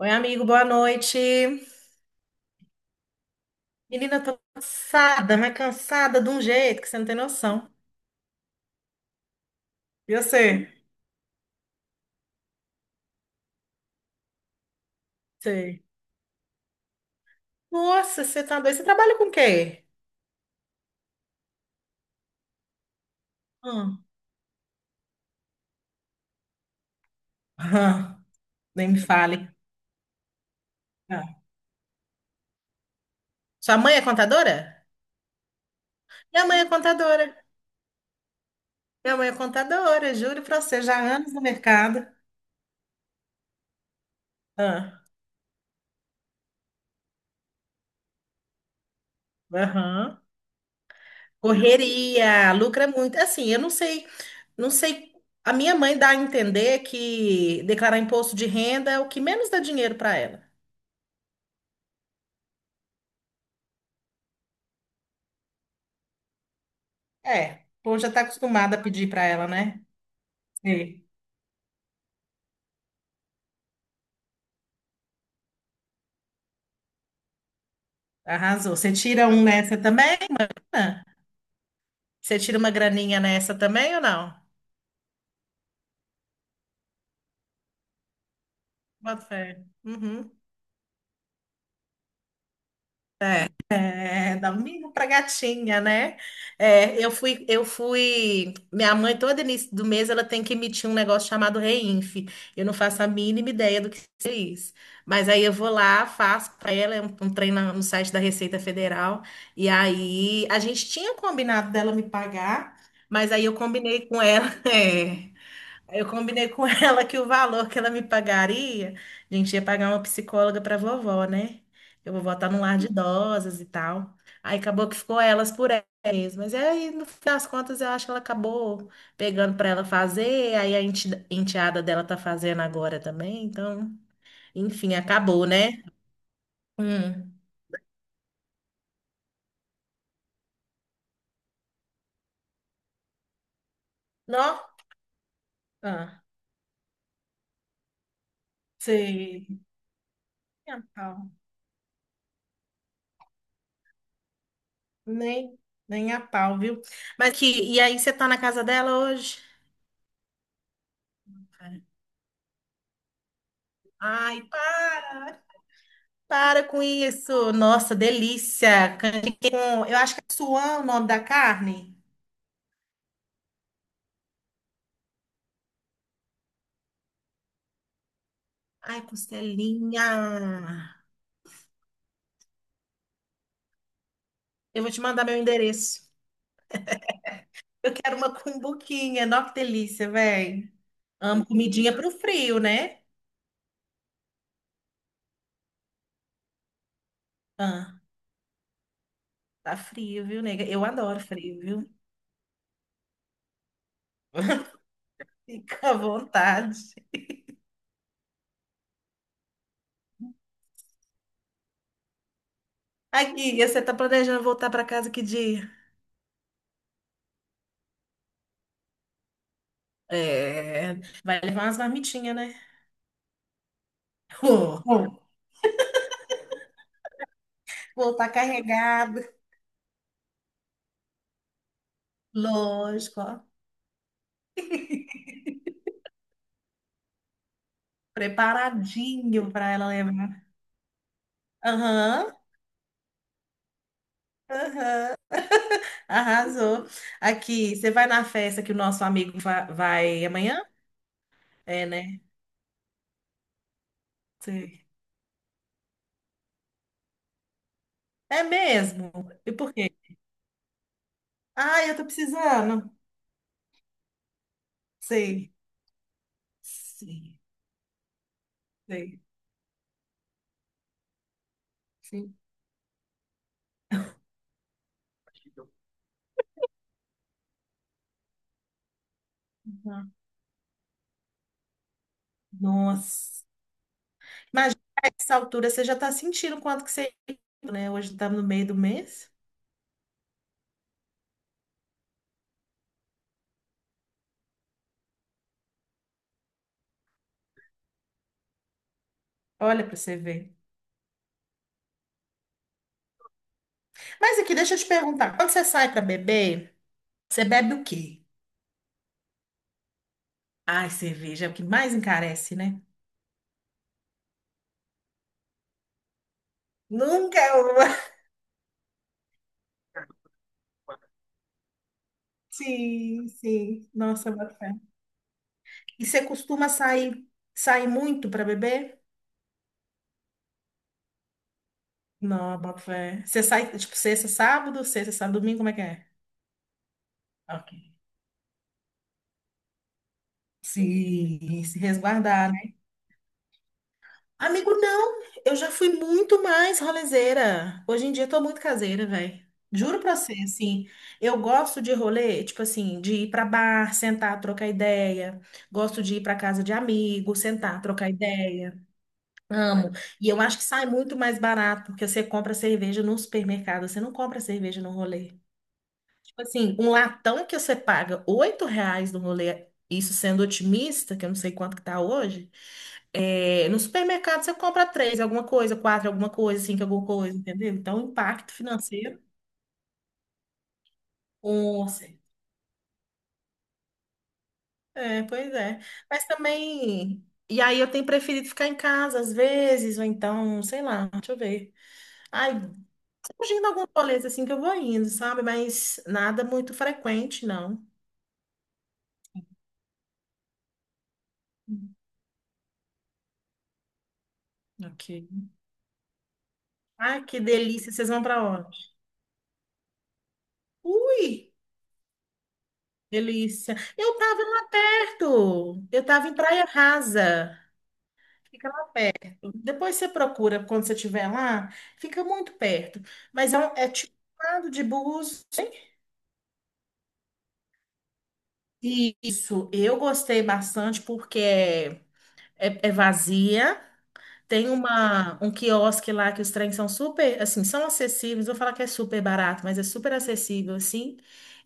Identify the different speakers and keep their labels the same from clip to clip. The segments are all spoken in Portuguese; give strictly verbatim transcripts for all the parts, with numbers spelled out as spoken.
Speaker 1: Oi, amigo, boa noite. Menina, tô cansada, mas cansada de um jeito que você não tem noção. E você? Sei. Nossa, você tá doido. Você trabalha com o quê? Hum. Aham, nem me fale. Ah, sua mãe é contadora? Minha mãe é contadora. Minha mãe é contadora, juro pra você, já há anos no mercado. Ah, aham. Correria, lucra muito. Assim, eu não sei, não sei. A minha mãe dá a entender que declarar imposto de renda é o que menos dá dinheiro para ela. É, pô, já está acostumada a pedir para ela, né? Sim. Arrasou. Você tira um nessa também, Ana? Você tira uma graninha nessa também ou não? Bota fé. Uhum. É, dá um mimo pra gatinha, né? É, eu fui, eu fui. Minha mãe, todo início do mês, ela tem que emitir um negócio chamado Reinf. Eu não faço a mínima ideia do que é isso. Mas aí eu vou lá, faço pra ela, é um, um trem na- no site da Receita Federal. E aí a gente tinha combinado dela me pagar, mas aí eu combinei com ela. É. Eu combinei com ela que o valor que ela me pagaria, a gente ia pagar uma psicóloga para vovó, né? Eu vou voltar num lar de idosas e tal. Aí acabou que ficou elas por elas. Mas é aí, no fim das contas, eu acho que ela acabou pegando para ela fazer. Aí a enti- enteada dela tá fazendo agora também. Então, enfim, acabou, né? Hum. Nó? Ah, sei. Nem a pau. Nem, nem a pau, viu? Mas que, e aí, você tá na casa dela hoje? Ai, para, para com isso. Nossa, delícia. Canjiquinha com, eu acho que é suã o nome da carne. Ai, costelinha. Eu vou te mandar meu endereço. Eu quero uma cumbuquinha. Nossa, que delícia, velho. Amo comidinha pro frio, né? Ah, tá frio, viu, nega? Eu adoro frio, viu? Fica à vontade. Aqui, e você tá planejando voltar pra casa que dia? É, vai levar umas marmitinhas, né? Vou vou. Voltar carregado. Lógico, ó. Preparadinho para ela levar. Aham, aham. Arrasou. Aqui, você vai na festa que o nosso amigo va- vai amanhã? É, né? Sei. É mesmo? E por quê? Ah, eu tô precisando. Sei. Sei. Sei. Sei. Uhum. Nossa. Imagina, a essa altura você já tá sentindo quanto que você, né? Hoje estamos no meio do mês. Olha para você ver. Mas aqui, deixa eu te perguntar, quando você sai para beber, você bebe o quê? Ai, cerveja é o que mais encarece, né? Nunca eu vou. Sim, sim. Nossa, boto fé. E você costuma sair, sair muito para beber? Não, boto fé. Você sai, tipo, sexta, sábado, sexta, sábado, domingo, como é que é? Ok. Sim, se resguardar. Amigo, não. Eu já fui muito mais rolezeira. Hoje em dia eu tô muito caseira, velho. Juro pra você, assim, eu gosto de rolê, tipo assim, de ir pra bar, sentar, trocar ideia. Gosto de ir pra casa de amigo, sentar, trocar ideia. Amo. E eu acho que sai muito mais barato, porque você compra cerveja no supermercado, você não compra cerveja no rolê. Assim, um latão que você paga oito reais no rolê, isso sendo otimista, que eu não sei quanto que tá hoje, é, no supermercado você compra três, alguma coisa, quatro, alguma coisa, cinco, alguma coisa, entendeu? Então, o impacto financeiro, com certeza. É, pois é. Mas também. E aí eu tenho preferido ficar em casa às vezes, ou então, sei lá, deixa eu ver. Ai, fugindo alguns rolês assim que eu vou indo, sabe? Mas nada muito frequente, não. Ok. Ai, que delícia, vocês vão pra onde? Ui, delícia. Eu estava lá perto. Eu estava em Praia Rasa. Fica lá perto. Depois você procura quando você estiver lá. Fica muito perto. Mas é, um- é tipo um lado de Búzios. Isso, eu gostei bastante porque é, é é vazia. Tem uma, um quiosque lá que os trens são super, assim, são acessíveis. Vou falar que é super barato, mas é super acessível, assim.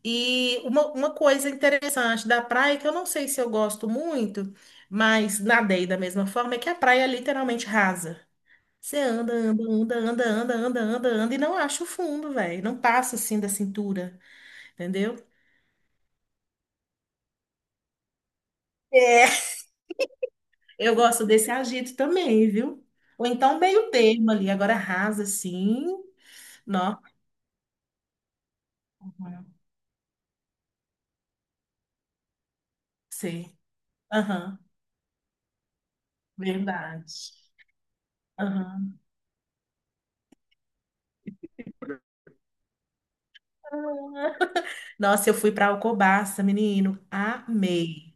Speaker 1: E uma, uma coisa interessante da praia, que eu não sei se eu gosto muito, mas nadei da mesma forma, é que a praia é literalmente rasa. Você anda, anda, anda, anda, anda, anda, anda, anda, e não acha o fundo, velho. Não passa assim da cintura, entendeu? É. Eu gosto desse agito também, viu? Ou então meio termo ali, agora rasa assim. Não, sei. Aham, verdade. Aham. Nossa, eu fui para Alcobaça, menino, amei.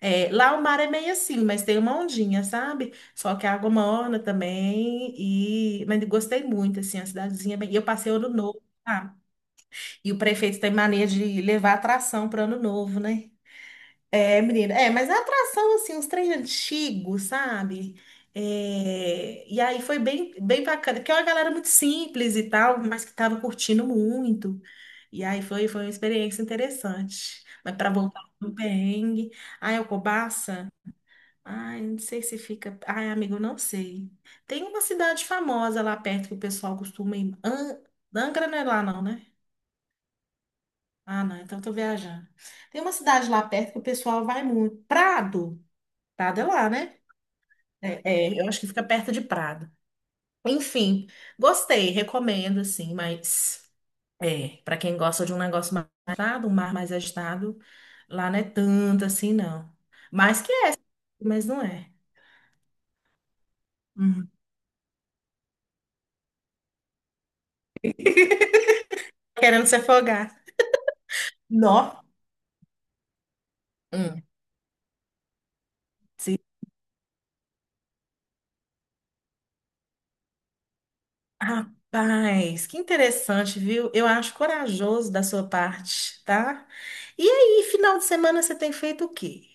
Speaker 1: É, lá o mar é meio assim, mas tem uma ondinha, sabe? Só que a água morna também e mas gostei muito assim, a cidadezinha é bem. E eu passei ano novo, lá. E o prefeito tem mania de levar atração para ano novo, né? É, menina, é, mas a atração, assim, uns trem antigos, sabe? É, e aí foi bem, bem bacana, porque é uma galera muito simples e tal, mas que tava curtindo muito. E aí foi, foi uma experiência interessante. Mas para voltar no perrengue, ai, Alcobaça, ai, não sei se fica. Ai, amigo, não sei. Tem uma cidade famosa lá perto que o pessoal costuma ir. An- Angra não é lá, não, né? Ah, não, então eu tô viajando. Tem uma cidade lá perto que o pessoal vai muito. Prado. Prado é lá, né? É, é, eu acho que fica perto de Prado. Enfim, gostei, recomendo, assim, mas é, para quem gosta de um negócio mais agitado, um mar mais agitado, lá não é tanto assim, não. Mas que é, mas não é. Uhum. Querendo se afogar. Nó. Hum. Se- Rapaz, que interessante, viu? Eu acho corajoso da sua parte, tá? E aí, final de semana você tem feito o quê?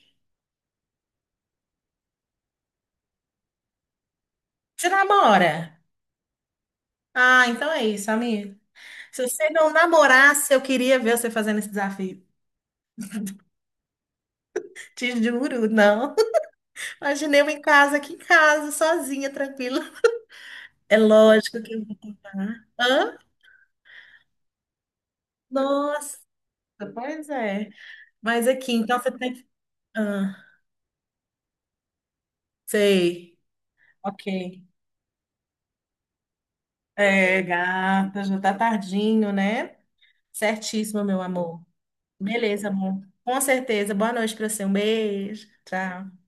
Speaker 1: Você namora? Ah, então é isso, amigo. Se você não namorasse, eu queria ver você fazendo esse desafio. Te juro, não. Imaginei eu em casa, aqui em casa, sozinha, tranquila. É lógico que eu vou contar. Hã? Nossa, pois é. Mas aqui, então você tem que. Ah, sei. Ok. É, gata, já tá tardinho, né? Certíssimo, meu amor. Beleza, amor. Com certeza. Boa noite pra você. Um beijo. Tchau.